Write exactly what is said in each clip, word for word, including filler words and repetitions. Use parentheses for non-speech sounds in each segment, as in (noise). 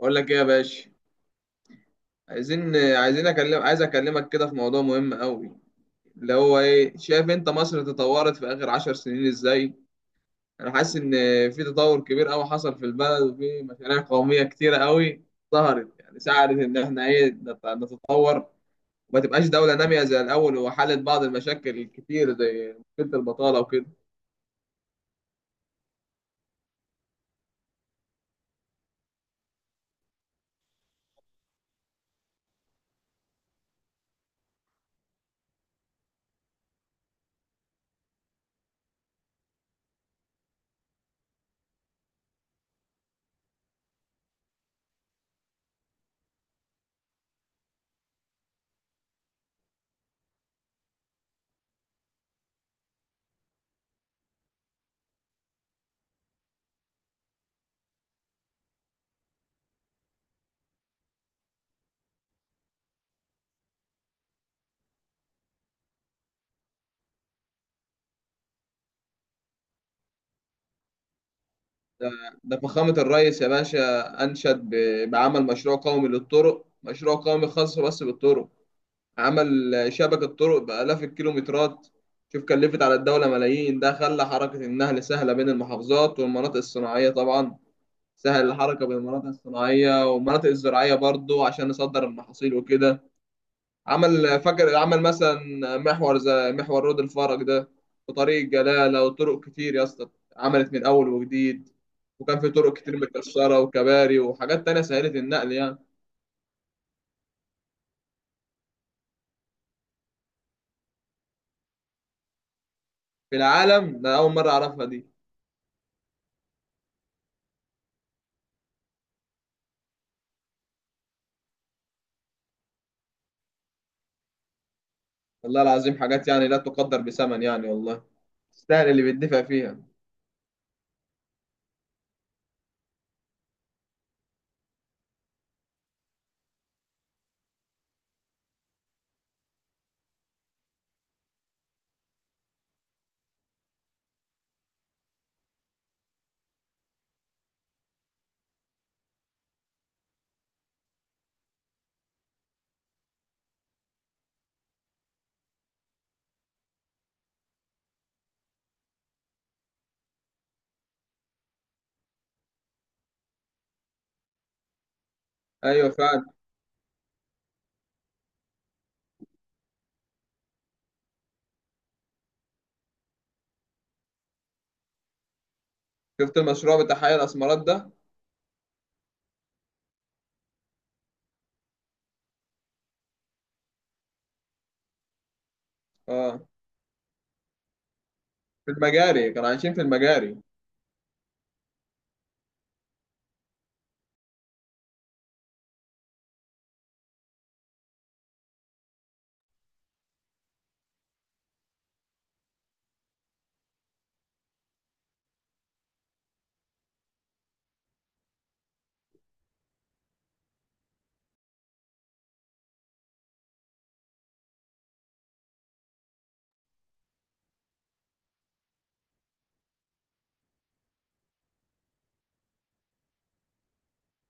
اقول لك ايه يا باشا؟ عايزين عايزين اكلم عايز اكلمك كده في موضوع مهم قوي. اللي هو ايه، شايف انت مصر تطورت في اخر عشر سنين ازاي؟ انا حاسس ان في تطور كبير قوي حصل في البلد، وفي مشاريع قوميه كتيره قوي ظهرت، يعني ساعدت ان احنا ايه نت- نتطور، وما تبقاش دوله ناميه زي الاول، وحلت بعض المشاكل الكتير زي مشكله البطاله وكده. ده, ده فخامه الرئيس يا باشا انشد ب- بعمل مشروع قومي للطرق، مشروع قومي خاص بس بالطرق. عمل شبكة طرق بآلاف الكيلومترات. شوف كلفت على الدولة ملايين، ده خلى حركة النقل سهلة بين المحافظات والمناطق الصناعية طبعا، سهل الحركة بين المناطق الصناعية والمناطق الزراعية برضو عشان نصدر المحاصيل وكده. عمل فاكر عمل مثلا محور زي محور رود الفرج ده، وطريق الجلالة، وطرق كتير يا اسطى. عملت من أول وجديد، وكان في طرق كتير متكسرة وكباري وحاجات تانية سهلت النقل يعني. في العالم ده أول مرة أعرفها دي. والله العظيم حاجات يعني لا تقدر بثمن يعني، والله تستاهل اللي بيدفع فيها. ايوه فعلا. شفت المشروع بتاع حي الاسمرات ده؟ اه، في المجاري كانوا عايشين، في المجاري.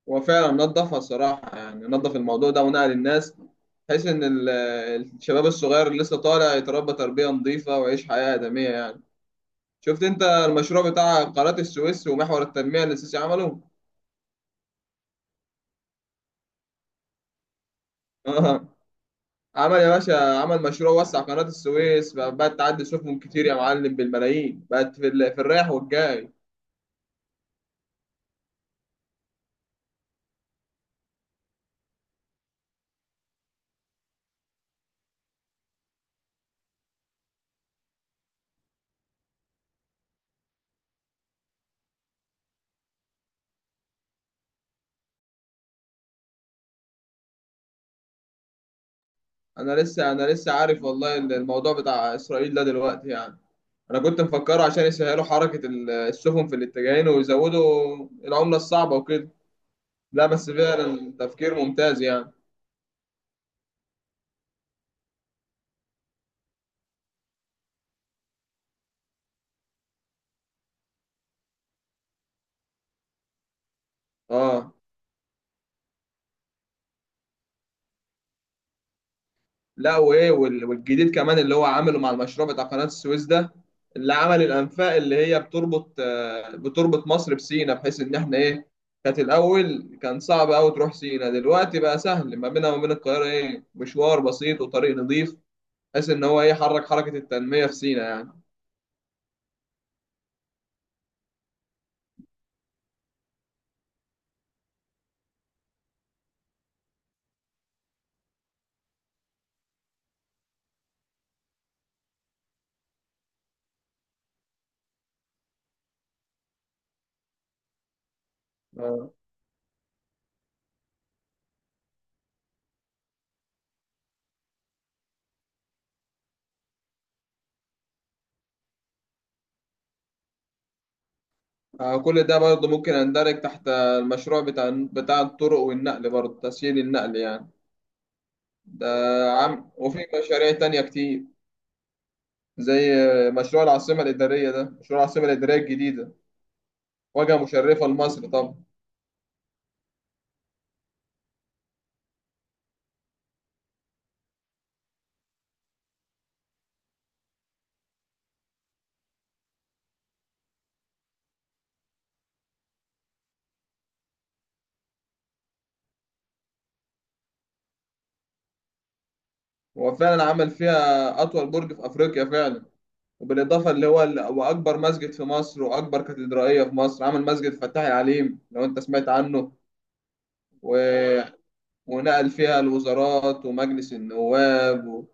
هو فعلا نظفها الصراحه، يعني نظف الموضوع ده ونقل الناس، بحيث ان ال- الشباب الصغير اللي لسه طالع يتربى تربيه نظيفه ويعيش حياه ادميه يعني. شفت انت المشروع بتاع قناه السويس ومحور التنميه اللي السيسي عمله؟ (laughs) عمل يا باشا، عمل مشروع وسع قناة السويس، بقى- بقت تعدي سفن كتير يا معلم بالملايين، بقت في, ال- في الرايح والجاي. انا لسه انا لسه عارف والله ال- الموضوع بتاع اسرائيل ده دلوقتي يعني. انا كنت مفكره عشان يسهلوا حركة ال- السفن في الاتجاهين ويزودوا العملة الصعبة وكده. لا بس فعلا تفكير ممتاز يعني. اه، لا وايه، وال- والجديد كمان اللي هو عامله مع المشروع بتاع قناة السويس ده، اللي عمل الانفاق اللي هي بتربط، آه، بتربط مصر بسينا، بحيث ان احنا ايه، كانت الاول كان صعب قوي تروح سينا، دلوقتي بقى سهل ما بينها وما بين القاهرة، ايه، مشوار بسيط وطريق نظيف، بحيث ان هو ايه حرك حركة التنمية في سينا يعني. آه. آه، كل ده برضه ممكن يندرج تحت المشروع بتاع بتاع الطرق والنقل، برضه تسهيل النقل يعني. ده عم وفي مشاريع تانية كتير زي مشروع العاصمة الإدارية ده، مشروع العاصمة الإدارية الجديدة، واجهة مشرفة لمصر طبعا. هو فعلا عمل فيها أطول برج في أفريقيا فعلا، وبالإضافة اللي هو ال- وأكبر مسجد في مصر وأكبر كاتدرائية في مصر. عمل مسجد فتح العليم لو أنت سمعت عنه، و... ونقل فيها الوزارات ومجلس النواب، و...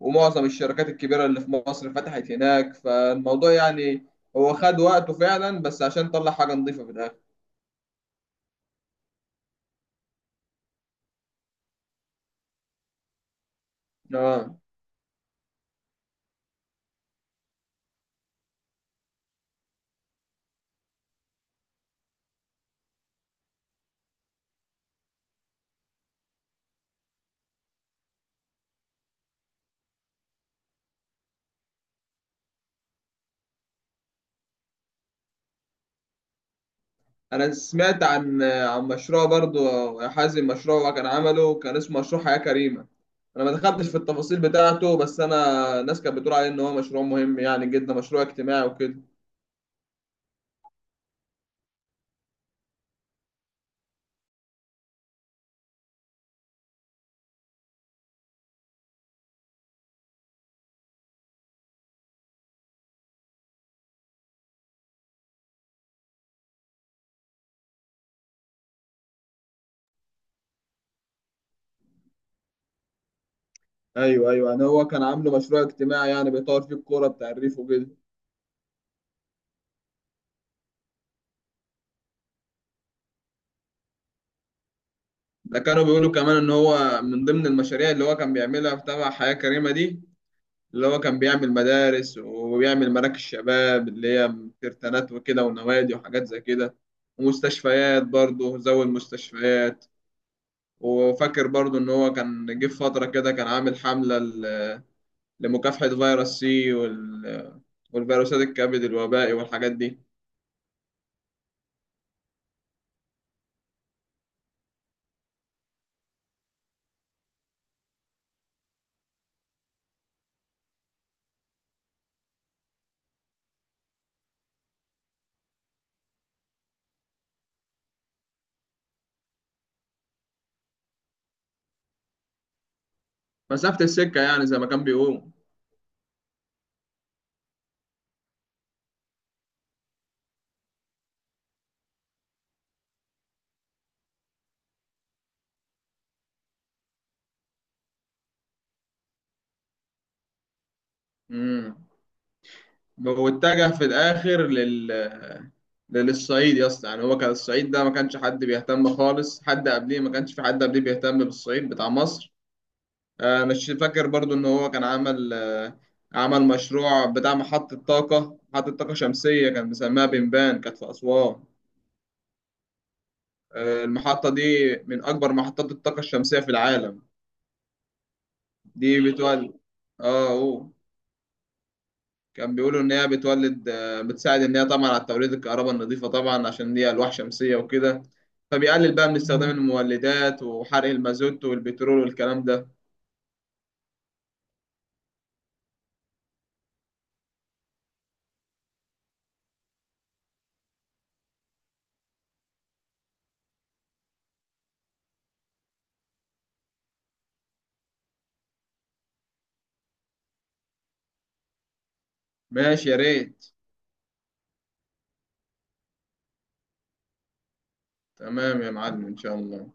ومعظم الشركات الكبيرة اللي في مصر فتحت هناك. فالموضوع يعني هو خد وقته فعلا، بس عشان طلع حاجة نظيفة في الآخر. آه. انا سمعت عن عن مشروع برضو يا حازم، مشروع كان عمله كان اسمه مشروع حياة كريمة. انا ما دخلتش في التفاصيل بتاعته، بس انا الناس كانت بتقول عليه ان هو مشروع مهم يعني جدا، مشروع اجتماعي وكده. ايوه ايوه، يعني هو كان عامله مشروع اجتماعي يعني بيطور فيه الكوره بتعريف وكده. ده كانوا بيقولوا كمان ان هو من ضمن المشاريع اللي هو كان بيعملها في تبع حياة كريمة دي، اللي هو كان بيعمل مدارس، وبيعمل مراكز شباب اللي هي كرتانات وكده، ونوادي وحاجات زي كده. ومستشفيات برضه، زود مستشفيات. وفاكر برضه إن هو كان جه في فترة كده كان عامل حملة ل- لمكافحة فيروس سي وال... والفيروسات الكبد الوبائي والحاجات دي. مسافة السكة يعني زي ما كان بيقول. مم. واتجه في الاخر لل للصعيد يا اسطى، يعني هو كان الصعيد ده ما كانش حد بيهتم خالص، حد قبليه ما كانش في حد قبليه بيهتم بالصعيد بتاع مصر. آه، مش فاكر برضو ان هو كان عمل، آه، عمل مشروع بتاع محطة طاقة، محطة طاقة شمسية كان مسميها بنبان كانت في أسوان. آه، المحطة دي من أكبر محطات الطاقة الشمسية في العالم. دي بتولد اه. أوه. كان بيقولوا ان هي بتولد، آه، بتساعد ان هي طبعا على توليد الكهرباء النظيفه طبعا عشان هي الواح شمسيه وكده، فبيقلل بقى من استخدام المولدات وحرق المازوت والبترول والكلام ده. ماشي يا ريت. تمام يا معلم، ان شاء الله.